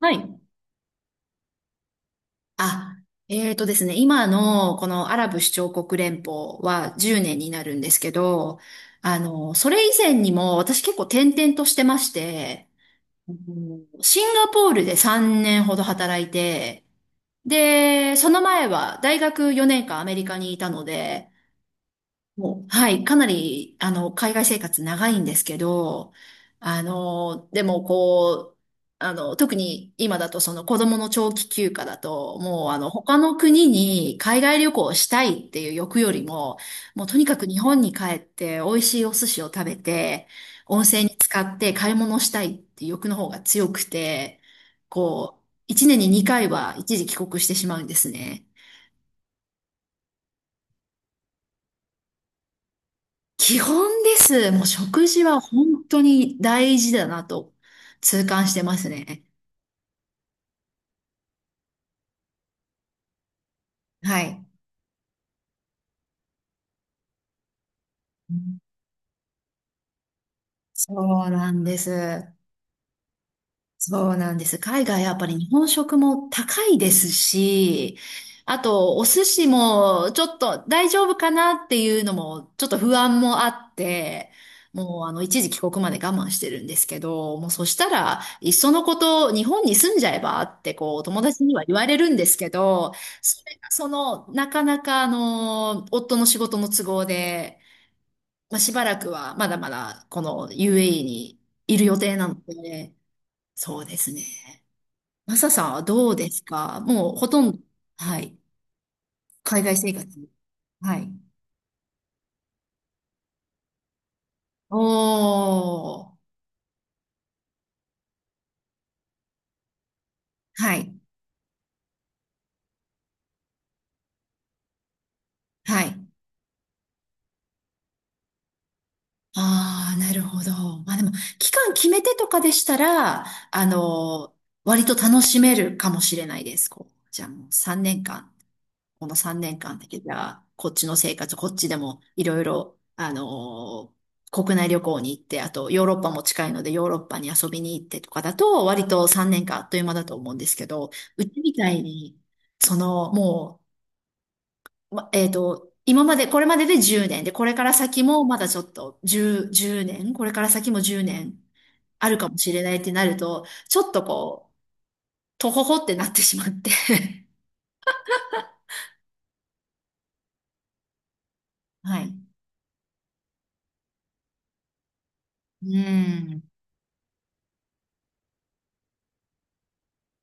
はい。あ、ですね、今のこのアラブ首長国連邦は10年になるんですけど、それ以前にも私結構転々としてまして、うんシンガポールで3年ほど働いて、で、その前は大学4年間アメリカにいたので、もう、はい、かなり、海外生活長いんですけど、でもこう、特に今だとその子供の長期休暇だと、もう他の国に海外旅行をしたいっていう欲よりも、もうとにかく日本に帰って美味しいお寿司を食べて、温泉に浸かって買い物したいっていう欲の方が強くて、こう、一年に2回は一時帰国してしまうんですね。基本です。もう食事は本当に大事だなと痛感してますね。はい。そうなんです。そうなんです。海外やっぱり日本食も高いですし、あとお寿司もちょっと大丈夫かなっていうのもちょっと不安もあって、もう一時帰国まで我慢してるんですけど、もうそしたらいっそのこと日本に住んじゃえばってこう友達には言われるんですけど、それがそのなかなか夫の仕事の都合で、まあ、しばらくはまだまだこの UAE にいる予定なので、そうですね。マサさんはどうですかもうほとんど、はい。海外生活。はい。おー。はい。はい。ああ、なるほど。まあでも、期間決めてとかでしたら、あの割と楽しめるかもしれないです。こう、じゃあもう3年間。この3年間だけじゃこっちの生活、こっちでもいろいろ、国内旅行に行って、あとヨーロッパも近いのでヨーロッパに遊びに行ってとかだと、割と3年間あっという間だと思うんですけど、うちみたいに、その、もう、ま、今まで、これまでで10年で、これから先もまだちょっと10、年、これから先も10年あるかもしれないってなると、ちょっとこう、とほほってなってしまって はい。うん。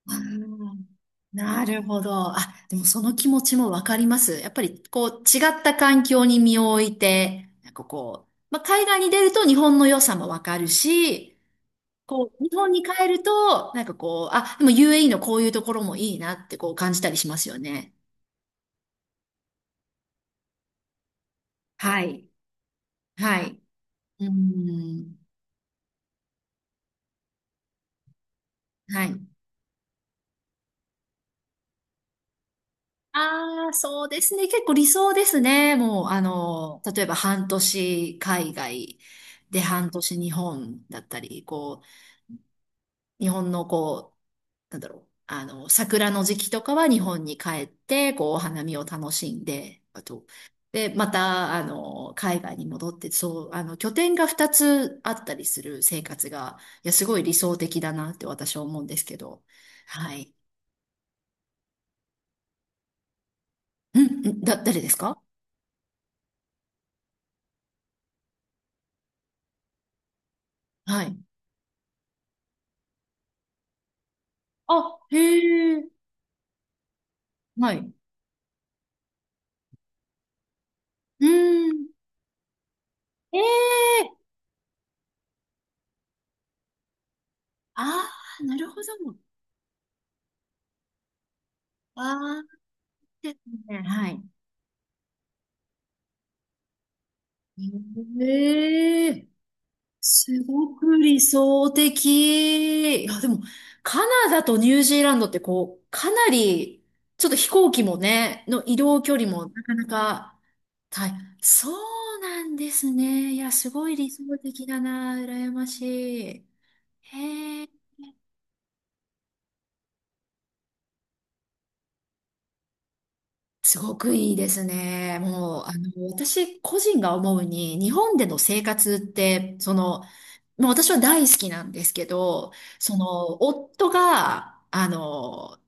あーなるほど。あ、でもその気持ちもわかります。やっぱりこう違った環境に身を置いて、なんかこう、まあ、海外に出ると日本の良さもわかるし、こう、日本に帰ると、なんかこう、あ、でも UAE のこういうところもいいなってこう感じたりしますよね。はい。はい。うーん。はい。ああ、そうですね。結構理想ですね。もう、例えば半年海外で半年日本だったり、こう、日本のこう、なんだろう、桜の時期とかは日本に帰って、こう、お花見を楽しんで、あと、で、また、海外に戻って、そう、拠点が2つあったりする生活が、いや、すごい理想的だなって私は思うんですけど、はい。うん、うんだ、誰ですかはい。あ、へえ、はい。うん、ええああー、なるほど。ああ、ですね。はい。へえすごく理想的。いや、でも、カナダとニュージーランドってこう、かなり、ちょっと飛行機もね、の移動距離もなかなか大変、そうなんですね。いや、すごい理想的だな。羨ましい。へえ。すごくいいですね。もう、私個人が思うに、日本での生活って、その、もう私は大好きなんですけど、その、夫が、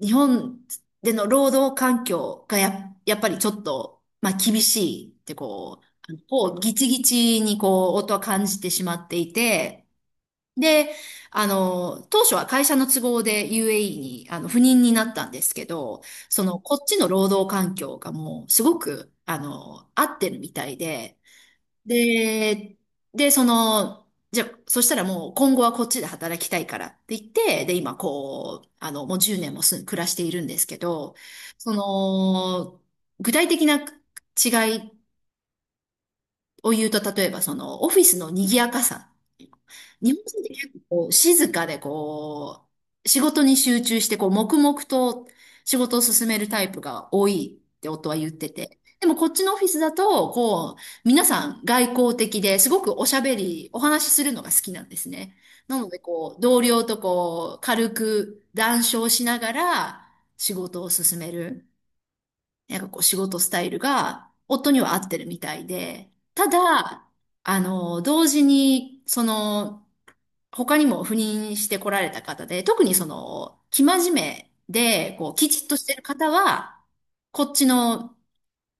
日本での労働環境がやっぱりちょっと、まあ、厳しいってこう、こうギチギチにこう、音は感じてしまっていて、で、当初は会社の都合で UAE に赴任になったんですけど、その、こっちの労働環境がもう、すごく、合ってるみたいで、で、その、じゃあ、そしたらもう今後はこっちで働きたいからって言って、で、今こう、もう10年も暮らしているんですけど、その、具体的な違いを言うと、例えばそのオフィスの賑やかさ。日本人って結構こう静かでこう、仕事に集中してこう黙々と仕事を進めるタイプが多いって夫は言ってて。でもこっちのオフィスだと、こう、皆さん外交的ですごくおしゃべり、お話しするのが好きなんですね。なのでこう、同僚とこう、軽く談笑しながら仕事を進める。なんかこう仕事スタイルが夫には合ってるみたいで、ただ、同時に、その、他にも赴任してこられた方で、特にその、生真面目で、こう、きちっとしてる方は、こっちの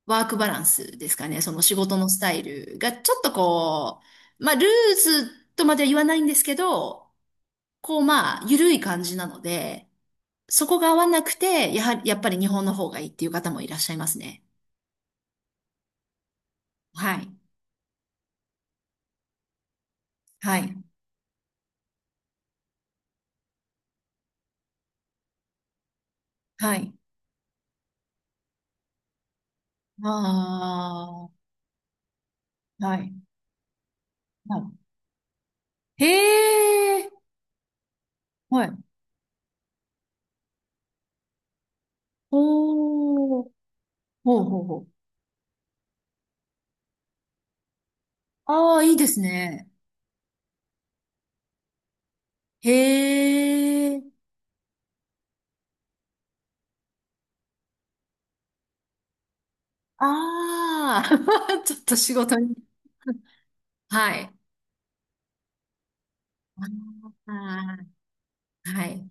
ワークバランスですかね、その仕事のスタイルが、ちょっとこう、まあ、ルーズとまでは言わないんですけど、こう、まあ、緩い感じなので、そこが合わなくて、やはり、やっぱり日本の方がいいっていう方もいらっしゃいますね。はい。はい。はい。ああ、はい。はい。へえ、はい。おー、ほうほうほう。ああ、いいですね。へえ、ああ、ちょっと仕事に。はい。あー、はい。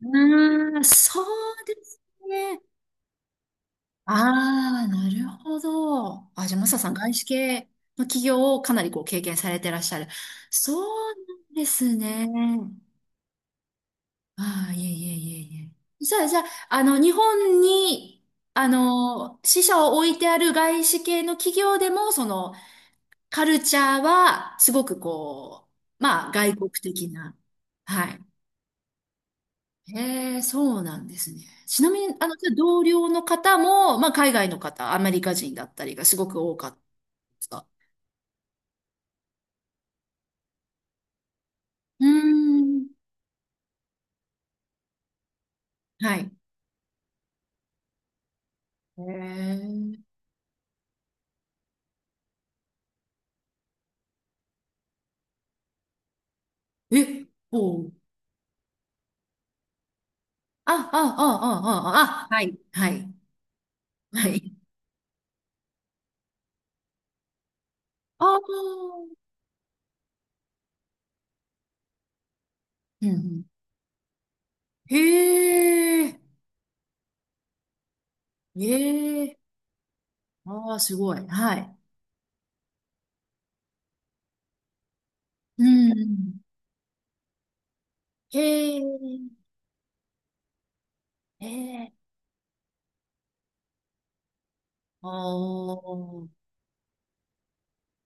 うーん、そうですね。ああ、なるほど。あ、じゃあ、マサさん、外資系の企業をかなりこう経験されてらっしゃる。そうなんですね。ああ、いえいえいえいえ。じゃあ、日本に、支社を置いてある外資系の企業でも、その、カルチャーは、すごくこう、まあ、外国的な。はい。へえ、そうなんですね。ちなみに、じゃあ同僚の方も、まあ、海外の方、アメリカ人だったりがすごく多かったですかうーん。はい。へえ。え、おう。あ、あ、あ、あ、あ、あ、あはい。はい。はい。ああ。うんうん。へえ、ええ、ああ、すごい。はい。うんうん。へえ、へえ、ああ、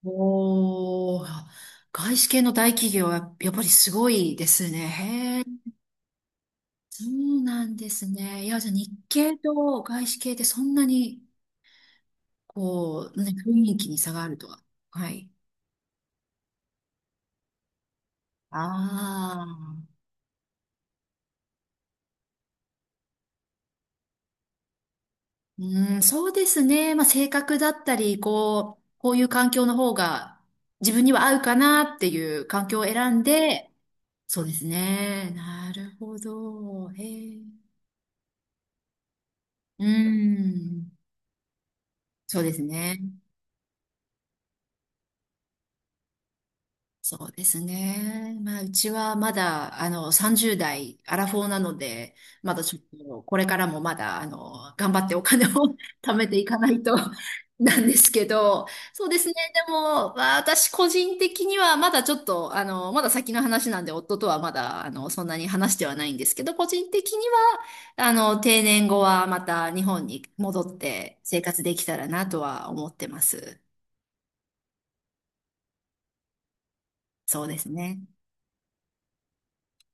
おー、外資系の大企業はやっぱりすごいですね。へえ、そうなんですね。いや、じゃあ日系と外資系ってそんなに、こう、ね、雰囲気に差があるとは。はい。ああ。うん、そうですね。まあ、性格だったり、こう、こういう環境の方が自分には合うかなっていう環境を選んで、そうですね。なるほど。へえ。うん。そうですね。そうですね。まあ、うちはまだ、30代、アラフォーなので、まだちょっと、これからもまだ、頑張ってお金を 貯めていかないと なんですけど、そうですね。でも、まあ私個人的には、まだちょっと、まだ先の話なんで、夫とはまだ、そんなに話してはないんですけど、個人的には、定年後はまた日本に戻って生活できたらなとは思ってます。そうですね。